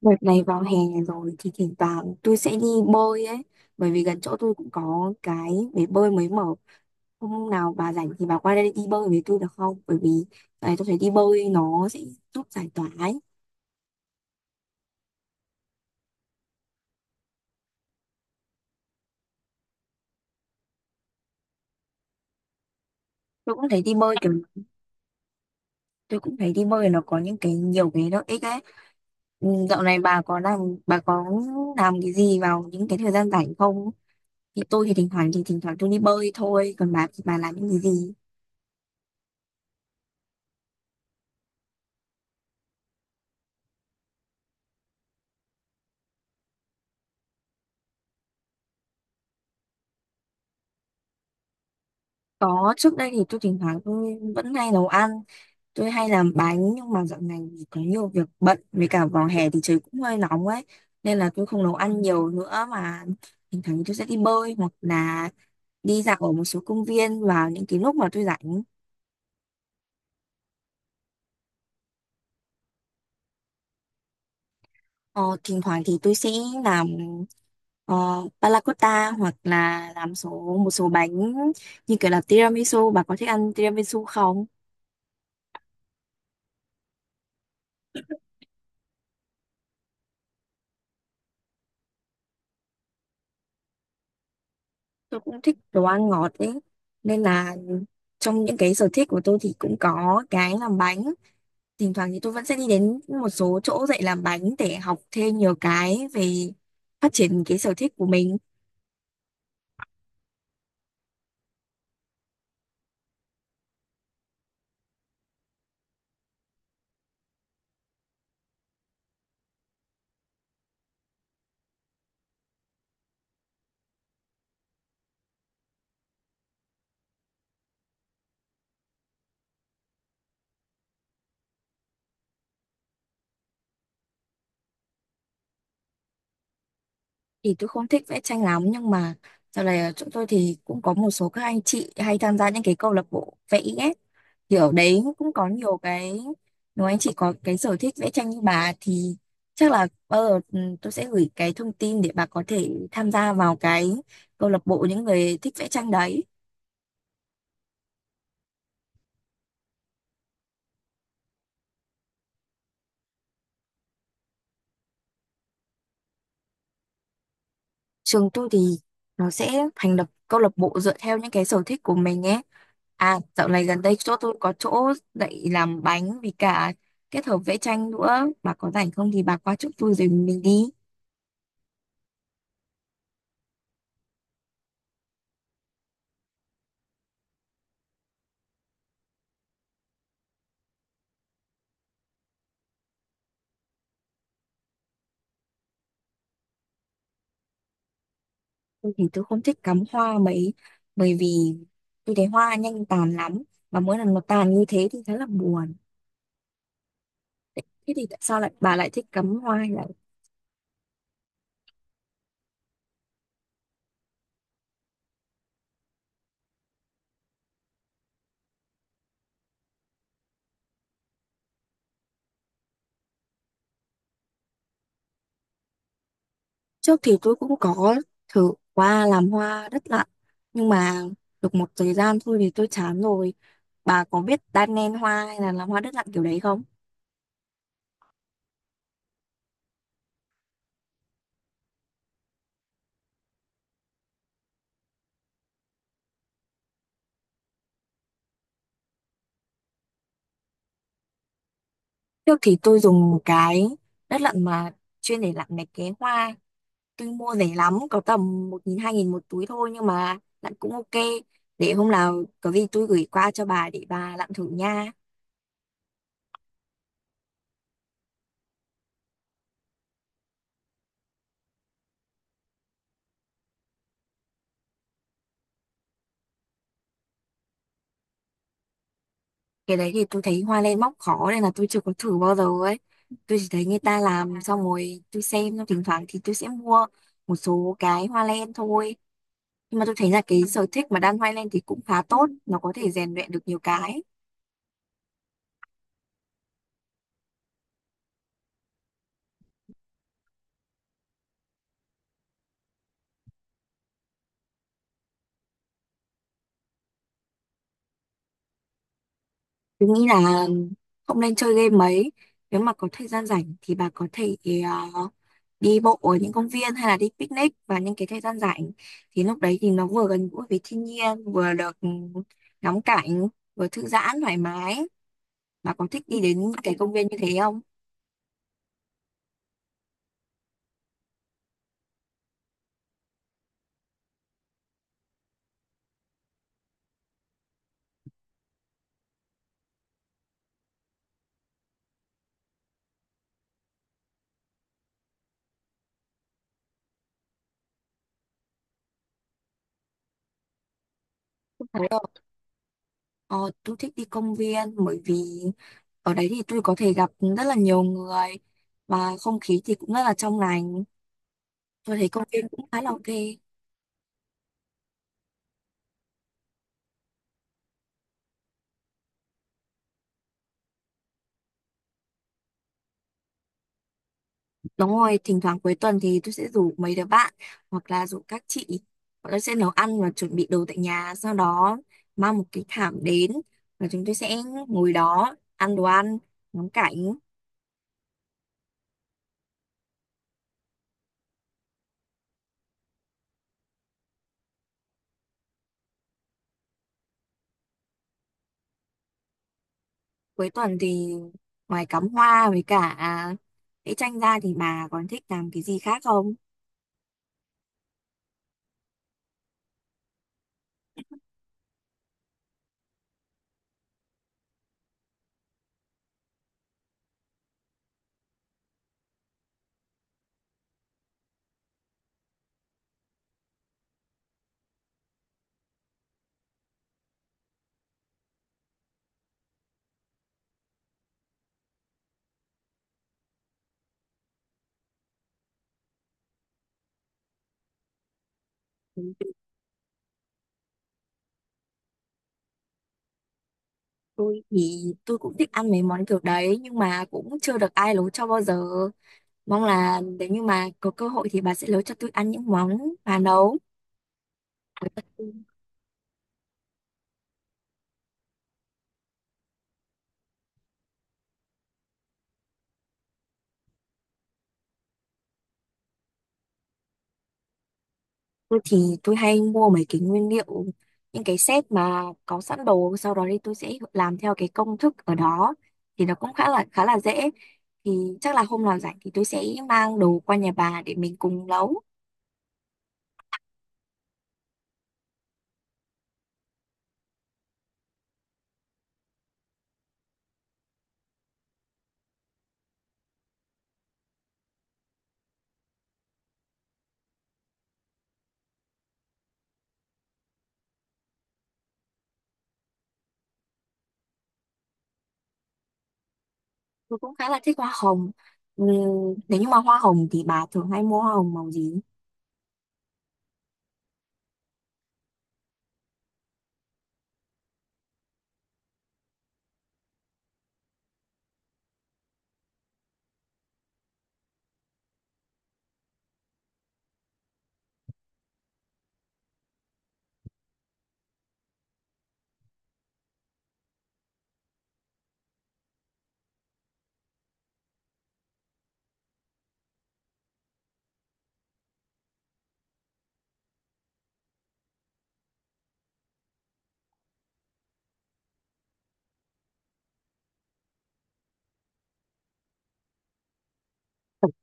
Đợt này vào hè rồi thì thỉnh thoảng tôi sẽ đi bơi ấy, bởi vì gần chỗ tôi cũng có cái bể bơi mới mở. Hôm nào bà rảnh thì bà qua đây đi bơi với tôi được không? Bởi vì này tôi thấy đi bơi nó sẽ giúp giải tỏa ấy. Tôi cũng thấy đi bơi kiểu tôi cũng thấy đi bơi nó có những cái nhiều cái lợi ích ấy. Ừ, dạo này bà có làm cái gì vào những cái thời gian rảnh không? Thì tôi thì thỉnh thoảng tôi đi bơi thôi, còn bà thì bà làm những cái gì? Có, trước đây thì tôi thỉnh thoảng tôi vẫn hay nấu ăn. Tôi hay làm bánh, nhưng mà dạo này thì có nhiều việc bận với cả vào hè thì trời cũng hơi nóng ấy, nên là tôi không nấu ăn nhiều nữa mà thỉnh thoảng tôi sẽ đi bơi hoặc là đi dạo ở một số công viên vào những cái lúc mà tôi rảnh. Ờ, thỉnh thoảng thì tôi sẽ làm panna cotta, hoặc là làm một số bánh như kiểu là tiramisu. Bà có thích ăn tiramisu không? Tôi cũng thích đồ ăn ngọt ấy, nên là trong những cái sở thích của tôi thì cũng có cái làm bánh. Thỉnh thoảng thì tôi vẫn sẽ đi đến một số chỗ dạy làm bánh để học thêm nhiều cái về phát triển cái sở thích của mình. Thì tôi không thích vẽ tranh lắm, nhưng mà sau này ở chỗ tôi thì cũng có một số các anh chị hay tham gia những cái câu lạc bộ vẽ IS. Thì ở đấy cũng có nhiều cái, nếu anh chị có cái sở thích vẽ tranh như bà thì chắc là tôi sẽ gửi cái thông tin để bà có thể tham gia vào cái câu lạc bộ những người thích vẽ tranh đấy. Trường tôi thì nó sẽ thành lập câu lạc bộ dựa theo những cái sở thích của mình ấy. À, dạo này gần đây chỗ tôi có chỗ dạy làm bánh vì cả kết hợp vẽ tranh nữa, bà có rảnh không thì bà qua chỗ tôi rồi mình đi. Tôi thì tôi không thích cắm hoa mấy, bởi vì tôi thấy hoa nhanh tàn lắm, và mỗi lần nó tàn như thế thì khá là buồn. Thế thế thì tại sao lại bà lại thích cắm hoa nhỉ? Trước thì tôi cũng có thử qua làm hoa đất lặn, nhưng mà được một thời gian thôi thì tôi chán rồi. Bà có biết đan nen hoa hay là làm hoa đất lặn kiểu đấy không? Trước thì tôi dùng một cái đất lặn mà chuyên để lặn mấy cái hoa. Tôi mua rẻ lắm, có tầm 1.000 2.000 một túi thôi, nhưng mà lặn cũng ok. Để hôm nào có gì tôi gửi qua cho bà để bà lặn thử nha. Cái đấy thì tôi thấy hoa lên móc khó nên là tôi chưa có thử bao giờ ấy. Tôi chỉ thấy người ta làm xong rồi tôi xem xong, thỉnh thoảng thì tôi sẽ mua một số cái hoa len thôi. Nhưng mà tôi thấy là cái sở thích mà đan hoa len thì cũng khá tốt, nó có thể rèn luyện được nhiều cái. Tôi nghĩ là không nên chơi game mấy. Nếu mà có thời gian rảnh thì bà có thể ờ, đi bộ ở những công viên hay là đi picnic vào những cái thời gian rảnh, thì lúc đấy thì nó vừa gần gũi với thiên nhiên, vừa được ngắm cảnh, vừa thư giãn thoải mái. Bà có thích đi đến cái công viên như thế không? Thấy không? Ờ, tôi thích đi công viên bởi vì ở đấy thì tôi có thể gặp rất là nhiều người, và không khí thì cũng rất là trong lành. Tôi thấy công viên cũng khá là ok. Đúng rồi, thỉnh thoảng cuối tuần thì tôi sẽ rủ mấy đứa bạn hoặc là rủ các chị. Bọn tôi sẽ nấu ăn và chuẩn bị đồ tại nhà. Sau đó mang một cái thảm đến và chúng tôi sẽ ngồi đó ăn đồ ăn, ngắm cảnh. Cuối tuần thì ngoài cắm hoa với cả vẽ tranh ra thì bà còn thích làm cái gì khác không? Ừ, tôi thì tôi cũng thích ăn mấy món kiểu đấy, nhưng mà cũng chưa được ai nấu cho bao giờ. Mong là nếu như mà có cơ hội thì bà sẽ nấu cho tôi ăn những món bà nấu. Tôi thì tôi hay mua mấy cái nguyên liệu, những cái set mà có sẵn đồ, sau đó thì tôi sẽ làm theo cái công thức ở đó thì nó cũng khá là dễ. Thì chắc là hôm nào rảnh thì tôi sẽ mang đồ qua nhà bà để mình cùng nấu. Tôi cũng khá là thích hoa hồng. Ừm, Nếu như mà hoa hồng thì bà thường hay mua hoa hồng màu gì?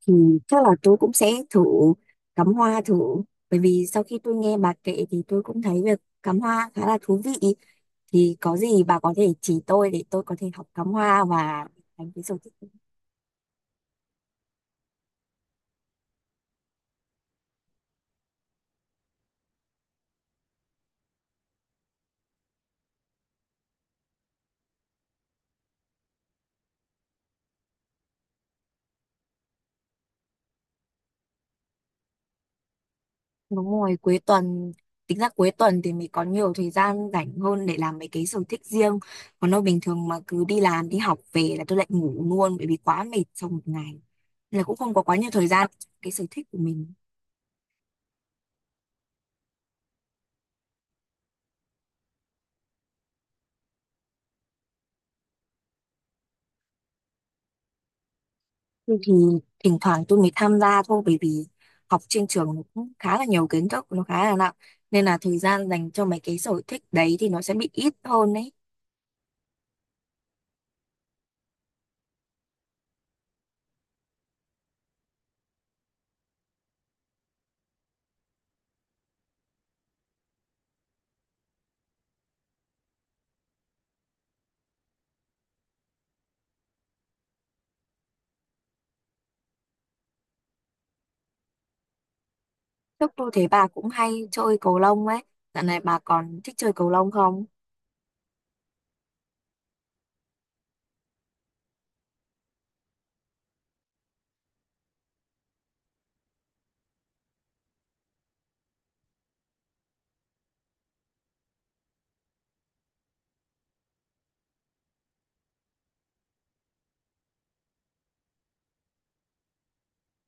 Thì chắc là tôi cũng sẽ thử cắm hoa thử, bởi vì sau khi tôi nghe bà kể thì tôi cũng thấy việc cắm hoa khá là thú vị. Thì có gì bà có thể chỉ tôi để tôi có thể học cắm hoa và đánh cái sở thích. Đúng rồi, cuối tuần tính ra cuối tuần thì mình có nhiều thời gian rảnh hơn để làm mấy cái sở thích riêng. Còn đâu bình thường mà cứ đi làm đi học về là tôi lại ngủ luôn, bởi vì quá mệt sau một ngày. Nên là cũng không có quá nhiều thời gian cho cái sở thích của mình. Thôi thì thỉnh thoảng tôi mới tham gia thôi, bởi vì học trên trường nó cũng khá là nhiều kiến thức, nó khá là nặng, nên là thời gian dành cho mấy cái sở thích đấy thì nó sẽ bị ít hơn đấy. Lúc tôi thấy bà cũng hay chơi cầu lông ấy. Dạo này bà còn thích chơi cầu lông không?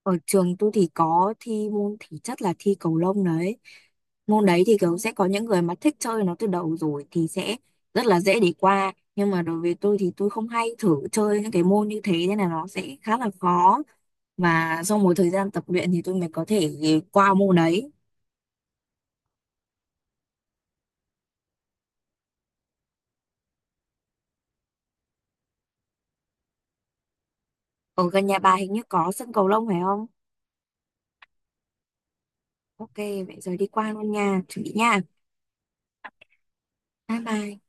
Ở trường tôi thì có thi môn thể chất là thi cầu lông đấy. Môn đấy thì kiểu sẽ có những người mà thích chơi nó từ đầu rồi thì sẽ rất là dễ để qua. Nhưng mà đối với tôi thì tôi không hay thử chơi những cái môn như thế nên là nó sẽ khá là khó. Và sau một thời gian tập luyện thì tôi mới có thể qua môn đấy. Ở gần nhà bà hình như có sân cầu lông phải không? Ok, vậy giờ đi qua luôn nha. Chuẩn bị nha. Bye bye.